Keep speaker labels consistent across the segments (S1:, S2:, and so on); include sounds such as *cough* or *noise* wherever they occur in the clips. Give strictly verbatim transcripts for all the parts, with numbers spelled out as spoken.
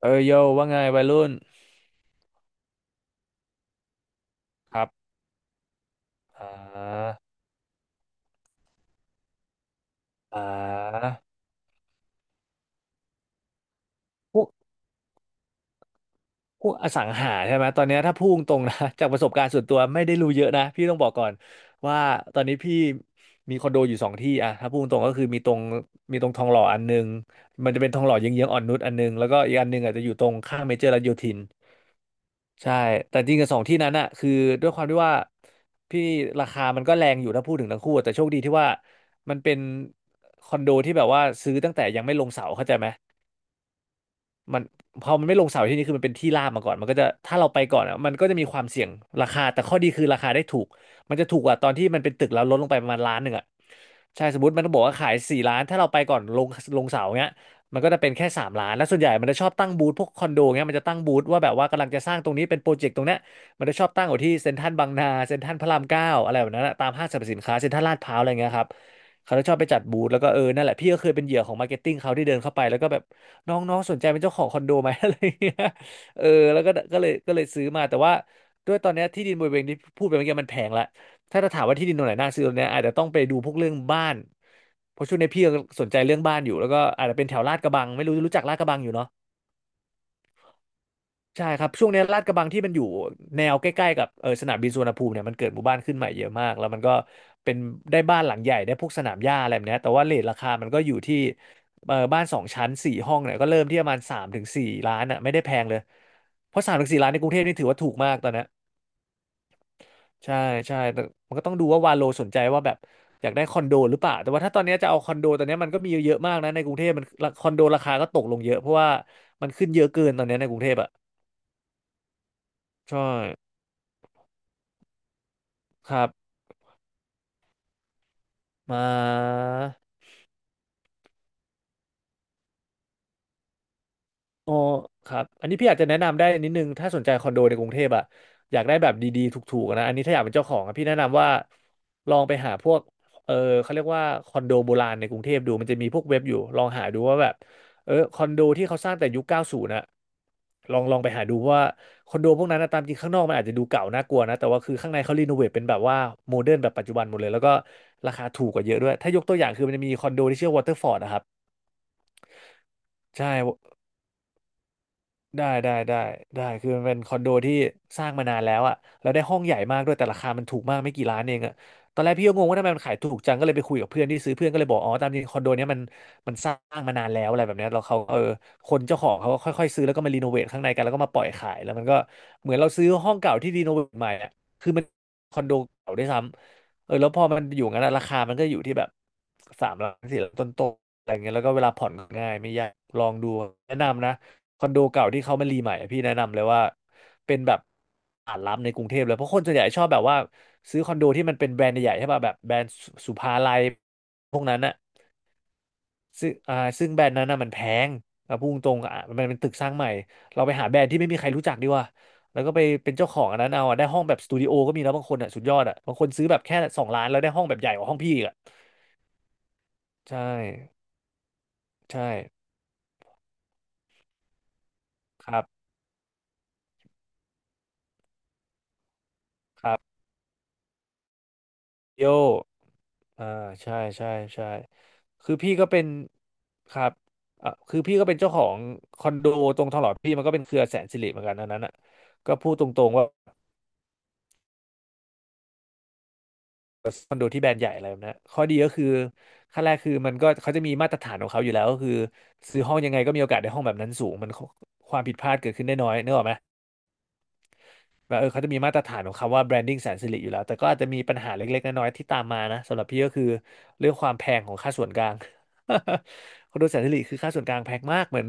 S1: เออโยว่าไงวัยรุ่นครับอ่าอ่าพวก พวกอสังหาใช่ไหมตอนเนี้ยถ้าพูดตรงนะ *laughs* จากประสบการณ์ส่วนตัวไม่ได้รู้เยอะนะพี่ต้องบอกก่อนว่าตอนนี้พี่มีคอนโดอยู่สองที่อะถ้าพูดตรงก็คือมีตรงมีตรงทองหล่ออันนึงมันจะเป็นทองหล่อเยื้องๆอ่อนนุชอันนึงแล้วก็อีกอันนึงอาจจะอยู่ตรงข้างเมเจอร์รัชโยธินใช่แต่จริงกับสองที่นั้นอะคือด้วยความที่ว่าพี่ราคามันก็แรงอยู่ถ้าพูดถึงทั้งคู่แต่โชคดีที่ว่ามันเป็นคอนโดที่แบบว่าซื้อตั้งแต่ยังไม่ลงเสาเข้าใจไหม มันพอมันไม่ลงเสาที่นี่คือมันเป็นที่ราบมาก่อนมันก็จะถ้าเราไปก่อนอ่ะมันก็จะมีความเสี่ยงราคาแต่ข้อดีคือราคาได้ถูกมันจะถูกกว่าตอนที่มันเป็นตึกแล้วลดลงไปประมาณล้านหนึ่งอ่ะใช่สมมติมันต้องบอกว่าขายสี่ล้านถ้าเราไปก่อนลงลงเสาเงี้ยมันก็จะเป็นแค่สามล้านแล้วส่วนใหญ่มันจะชอบตั้งบูธพวกคอนโดเงี้ยมันจะตั้งบูธว่าแบบว่ากำลังจะสร้างตรงนี้เป็นโปรเจกต์ตรงเนี้ยมันจะชอบตั้งอยู่ที่เซ็นทรัลบางนาเซ็นทรัลพระรามเก้าอะไรแบบนั้นอะตามห้างสรรพสินค้าเซ็นทรัลลาดพร้าวอะไรเงี้ยครับเขาจะชอบไปจัดบูธแล้วก็เออนั่นแหละพี่ก็เคยเป็นเหยื่อของมาร์เก็ตติ้งเขาที่เดินเข้าไปแล้วก็แบบ น้องน้องสนใจเป็นเจ้าของคอนโดไหม *laughs* อะไรเงี้ยเออแล้วก็ก็เลยก็เลยซื้อมาแต่ว่าด้วยตอนเนี้ยที่ดินบริเวณที่พูดไปเมื่อกี้มันแพงละถ้าจะถามว่าที่ดินตรงไหนน่าซื้อตรงเนี้ยอาจจะต้องไปดูพวกเรื่องบ้านเพราะช่วงนี้พี่ยังสนใจเรื่องบ้านอยู่แล้วก็อาจจะเป็นแถวลาดกระบังไม่รู้รู้จักลาดกระบังอยู่เนาะ ใช่ครับช่วงเนี้ยลาดกระบังที่มันอยู่แนวใกล้ๆกับเออสนามบินสุวรรณภูมิเนี่ยมันเกิดหมู่บ้านขึ้นใหม่เยอะมากแล้วมันก็เป็นได้บ้านหลังใหญ่ได้พวกสนามหญ้าอะไรแบบเนี้ยแต่ว่าเรทราคามันก็อยู่ที่เออบ้านสองชั้นสี่ห้องเนี่ยก็เริ่มที่ประมาณสามถึงสี่ล้านอ่ะไม่ได้แพงเลยเพราะสามถึงสี่ล้านในกรุงเทพนี่ถือว่าถูกมากตอนเนี้ยใช่ใช่แต่มันก็ต้องดูว่าวาโลสนใจว่าแบบอยากได้คอนโดหรือเปล่าแต่ว่าถ้าตอนเนี้ยจะเอาคอนโดตอนเนี้ยมันก็มีเยอะๆมากนะในกรุงเทพมันคอนโดราคาก็ตกลงเยอะเพราะว่ามันขึ้นเยอะเกินตอนเนี้ยในกรุงเทพอ่ะใช่ครับ มาอ๋อครับอันนี้พี่อาจจะแนะนำได้นิดนึงถ้าสนใจคอนโดในกรุงเทพอะอยากได้แบบดีๆถูกๆนะอันนี้ถ้าอยากเป็นเจ้าของอะพี่แนะนำว่าลองไปหาพวกเออเขาเรียกว่าคอนโดโบราณในกรุงเทพดูมันจะมีพวกเว็บอยู่ลองหาดูว่าแบบเออคอนโดที่เขาสร้างแต่ยุคเก้าสิบนะลองลองไปหาดูเพราะว่าคอนโดพวกนั้นนะตามจริงข้างนอกมันอาจจะดูเก่าน่ากลัวนะแต่ว่าคือข้างในเขารีโนเวทเป็นแบบว่าโมเดิร์นแบบปัจจุบันหมดเลยแล้วก็ราคาถูกกว่าเยอะด้วยถ้ายกตัวอย่างคือมันจะมีคอนโดที่ชื่อวอเตอร์ฟอร์ดนะครับใช่ ได้ได้ได้ได้คือมันเป็นคอนโดที่สร้างมานานแล้วอะแล้วได้ห้องใหญ่มากด้วยแต่ราคามันถูกมากไม่กี่ล้านเองอะตอนแรกพี่ก็งงว่าทำไมมันขายถูกจังก็เลยไปคุยกับเพื่อนที่ซื้อเพื่อนก็เลยบอกอ๋อตามจริงคอนโดเนี้ยมันมันสร้างมานานแล้วอะไรแบบเนี้ยแลเขาเออคนเจ้าของเขาก็ค่อยๆซื้อแล้วก็มารีโนเวทข้างในกันแล้วก็มาปล่อยขายแล้วมันก็เหมือนเราซื้อห้องเก่าที่รีโนเวทใหม่อะคือมันคอนโดเก่าด้วยซ้ำเออแล้วพอมันอยู่งั้นอะราคามันก็อยู่ที่แบบสามล้านสี่ล้านต้นๆอะไรเงี้ยแล้วก็เวลาผ่อนง่ายไม่ยากลองดูแนะนำนะ คอนโดเก่าที่เขามารีใหม่อะพี่แนะนำเลยว่าเป็นแบบตลาดรับในกรุงเทพเลยเพราะคนส่วนใหญ่ชอบแบบว่าซื้อคอนโดที่มันเป็นแบรนด์ใหญ่ๆใช่ป่ะแบบแบรนด์สุสุภาลัยพวกนั้นอะซึ่งอ่าซึ่งแบรนด์นั้นน่ะมันแพงเอาพูดตรงๆอ่ะมันเป็นตึกสร้างใหม่เราไปหาแบรนด์ที่ไม่มีใครรู้จักดีกว่าแล้วก็ไปเป็นเจ้าของอันนั้นเอาอะได้ห้องแบบสตูดิโอก็มีแล้วบางคนอ่ะสุดยอดอ่ะบางคนซื้อแบบแค่สองล้านแล้วได้ห้องแบบใหญ่กว่าห้องพี่อีกอ่ะใช่ใช่ครับครับโย อ่าใช่ใช่ใช่คือพี่ก็เป็นครับอ่ะคือพี่ก็เป็นเจ้าของคอนโดตรงทองหล่อพี่มันก็เป็นเครือแสนสิริเหมือนกันอันนั้นอ่ะก็พูดตรงๆว่าคอนโดที่แบรนด์ใหญ่อะไรแบบนั้นข้อดีก็คือขั้นแรกคือมันก็เขาจะมีมาตรฐานของเขาอยู่แล้วก็คือซื้อห้องยังไงก็มีโอกาสได้ห้องแบบนั้นสูงมันความผิดพลาดเกิดขึ้นได้น้อยนึกออกไหม แบบเออเขาจะมีมาตรฐานของคำว่า branding แสนสิริอยู่แล้วแต่ก็อาจจะมีปัญหาเล็กๆน้อยๆที่ตามมานะสำหรับพี่ก็คือเรื่องความแพงของค่าส่วนกลาง *laughs* คอนโดแสนสิริคือค่าส่วนกลางแพงมากเหมือน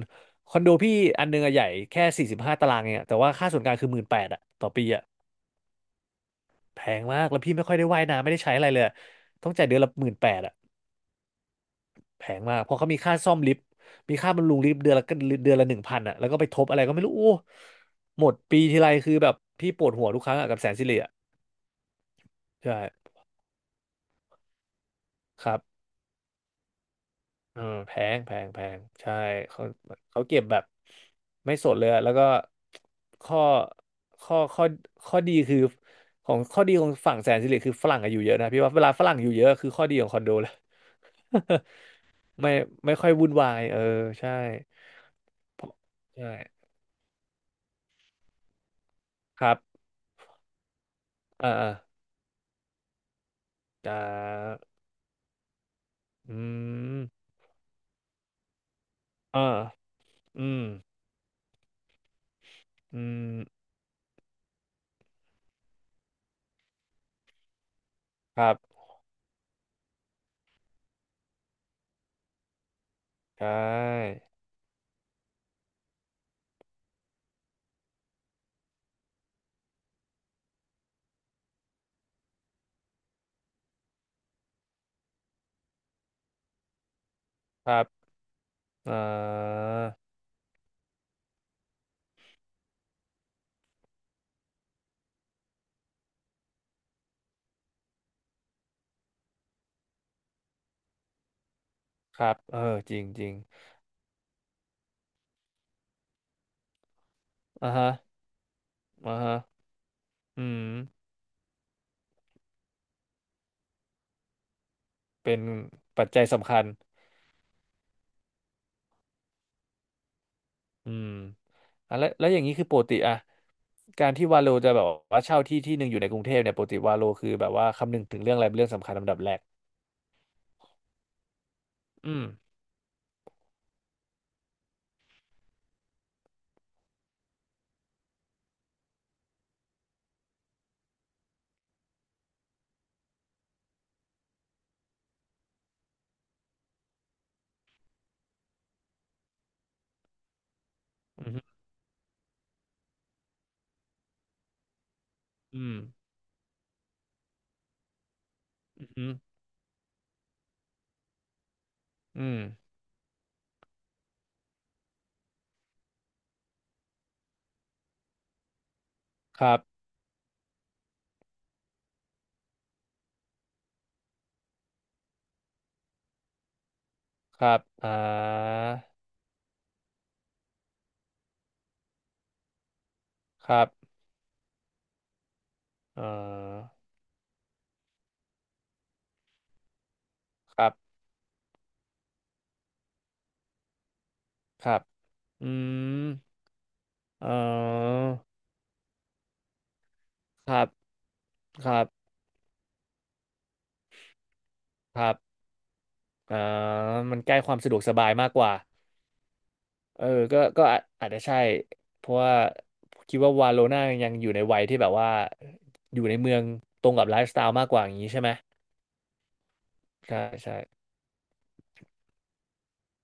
S1: คอนโดพี่อันนึงอะใหญ่แค่สี่สิบห้าตารางเองอะแต่ว่าค่าส่วนกลางคือหมื่นแปดอะต่อปีอะแพงมากแล้วพี่ไม่ค่อยได้ว่ายน้ำไม่ได้ใช้อะไรเลยอะต้องจ่ายเดือนละหมื่นแปดอะแพงมากเพราะเขามีค่าซ่อมลิฟต์มีค่าบำรุงลิฟต์เดือนละเดือนละหนึ่งพันอะแล้วก็ไปทบอะไรก็ไม่รู้โอ้หมดปีทีไรคือแบบพี่ปวดหัวทุกครั้งอะกับแสนสิริอะใช่ครับ เออแพงแพงแพงใช่เขาเขาเก็บแบบไม่สดเลยอะแล้วก็ข้อข้อข้อข้อดีคือของข้อดีของฝั่งแสนสิริคือฝรั่งอะอยู่เยอะนะพี่ว่าเวลาฝรั่งอยู่เยอะคือข้อดีของคอนโดเลย *laughs* ไม่ไม่ค่อยวุ่นวายเออใช่เพราะใช่ครับอ่าอ่าจะอืมอ่าอืมอืมครับใช่ครับอ่าครับเออจริงจริงอ่าฮะอ่าฮะ อืมเป็นปัจจัยสำคัญอืมอ่ะแล้วแล้วอย่างนี้คือปกติอะการที่วาโลจะแบบว่าเช่าที่ที่หนึ่งอยู่ในกรุงเทพเนี่ยปกติวาโลคือแบบว่าคำนึงถึงเรื่องอะไรเป็นเรื่องสำคัญลำดับแรกอืมอืมอืมอืมอืมครับครับอ่าครับเอ่อครับครับอืมเอ่อครับครับครับอ่ามันใกล้ความสะดวกสบายมากกว่า เออก็ก็อาจอาจจะใช่ เพราะว่าคิดว่าวาโลน่ายังอยู่ในวัยที่แบบว่า อยู่ในเมืองตรงกับไลฟ์สไตล์มากกว่าอย่างนี้ใช่ไหม ใช่ ใช่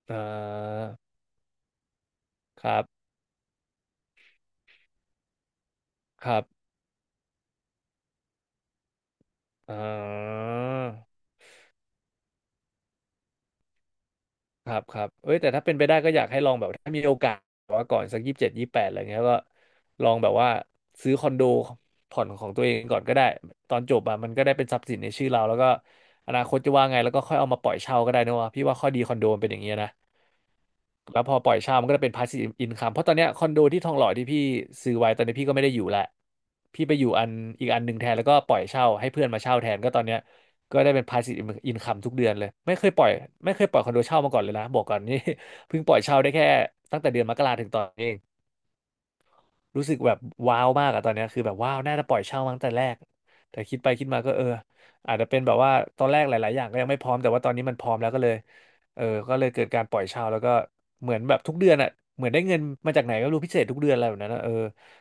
S1: เออครับ ครับเออ ครับครับเอ้ยแต่ถ้าเป็นไปได้ก็อยากให้ลองแบบถ้ามีโอกาสแบบว่าก่อนสักยี่สิบเจ็ดยี่สิบแปดอะไรเงี้ยก็ลองแบบว่าซื้อคอนโดผ่อนของตัวเองก่อนก็ได้ตอนจบอะมันก็ได้เป็นทรัพย์สินในชื่อเราแล้วก็อนาคตจะว่าไงแล้วก็ค่อยเอามาปล่อยเช่าก็ได้นะวะพี่ว่าข้อดีคอนโดมันเป็นอย่างเงี้ยนะแล้วพอปล่อยเช่ามันก็จะเป็น passive income เพราะตอนเนี้ยคอนโดที่ทองหล่อที่พี่ซื้อไว้ตอนนี้พี่ก็ไม่ได้อยู่ละพี่ไปอยู่อันอีกอันหนึ่งแทนแล้วก็ปล่อยเช่าให้เพื่อนมาเช่าแทนก็ตอนเนี้ย ก็ได้เป็น passive in- income ทุกเดือนเลย ไม่เคยปล่อย ไม่เคยปล่อยคอนโดเช่ามาก่อนเลยนะ บอกก่อนนี่ *laughs* เพิ่งปล่อยเช่าได้แค่ตั้งแต่เดือนมกราถึงตอนนี้เอง รู้สึกแบบว้าวมากอะตอนเนี้ยคือแบบว้าวน่าจะปล่อยเช่ามาตั้งแต่แรกแต่คิดไปคิดมาก็เอออาจจะเป็นแบบว่าตอนแรกหลายๆอย่างก็ยังไม่พร้อมแต่ว่าตอนนี้มันพร้อมแล้วก็เลยเออก็เลยเกิดการปล่อยเช่าแล้วก็เหมือนแบบทุกเดือนอะเหมือนได้เงินมาจากไหนก็ไม่รู้พิเศษทุกเดือนอะไรแบบนั้นอะเออ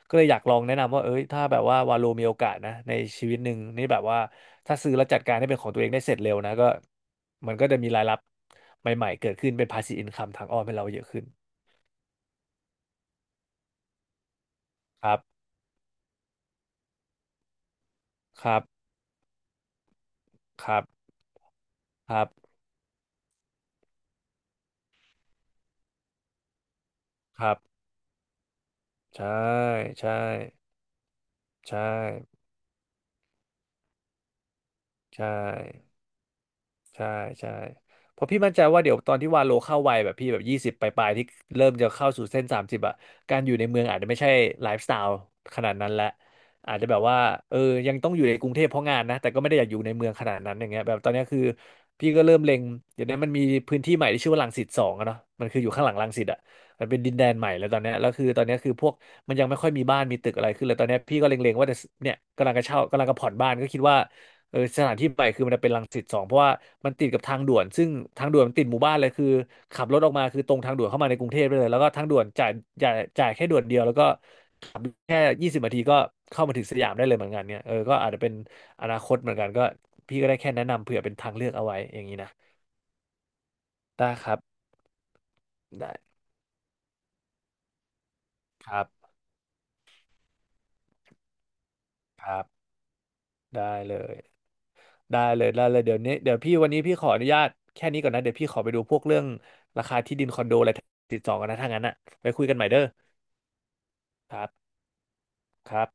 S1: ก็เลยอยากลองแนะนำว่าเอ้ยถ้าแบบว่าวาโลมีโอกาสนะในชีวิตหนึ่งนี่แบบว่าถ้าซื้อแล้วจัดการให้เป็นของตัวเองได้เสร็จเร็วนะก็มันก็จะมีรายรับใหม่ๆเกิดขึ้นเป็น passive income ทางอ้อมให้เราเยอะขึ้นครับครับครับครับครับ ใช่ใช่ใช่ใช่ใช่ ใช่ใช่เพราะพี่มั่นใจว่าเดี๋ยวตอนที่วาโลเข้าวัยแบบพี่แบบยี่สิบปลายๆที่เริ่มจะเข้าสู่เส้นสามสิบอะการอยู่ในเมืองอาจจะไม่ใช่ไลฟ์สไตล์ขนาดนั้นและอาจจะแบบว่าเออยังต้องอยู่ในกรุงเทพเพราะงานนะแต่ก็ไม่ได้อยากอยู่ในเมืองขนาดนั้นอย่างเงี้ยแบบตอนเนี้ยคือพี่ก็เริ่มเล็งเดี๋ยวนี้มันมีพื้นที่ใหม่ที่ชื่อว่ารังสิตสองอะเนาะมันคืออยู่ข้างหลังรังสิตอะมันเป็นดินแดนใหม่แล้วตอนเนี้ยแล้วคือตอนเนี้ยคือพวกมันยังไม่ค่อยมีบ้านมีตึกอะไรขึ้นเลยตอนเนี้ยพี่ก็เล็งๆว่าจะเนี่ยกำลังจะเช่ากำลังจะผ่อนบ้านก็คิดว่า เออสถานที่ใหม่คือมันจะเป็นรังสิตสองเพราะว่ามันติดกับทางด่วนซึ่งทางด่วนมันติดหมู่บ้านเลยคือขับรถออกมาคือตรงทางด่วนเข้ามาในกรุงเทพไปเลยแล้วก็ทางด่วนจ่ายจ่ายจ่ายแค่ด่วนเดียวแล้วก็ขับแค่ยี่สิบนาทีก็เข้ามาถึงสยามได้เลยเหมือนกันเนี่ยเออก็อาจจะเป็นอนาคตเหมือนกันก็พี่ก็ได้แค่แนะนำเผื่อเป็นทางเลือกเอาไว้อย่างนี้นะได้ครับได้ครับครับได้เลยได้เลยได้เลยเดี๋ยวนี้เดี๋ยวพี่วันนี้พี่ขออนุญาตแค่นี้ก่อนนะเดี๋ยวพี่ขอไปดูพวกเรื่องราคาที่ดินคอนโดอะไรติดต่อกันนะถ้างั้นอ่ะไปคุยกันใหม่เด้อ ครับครับ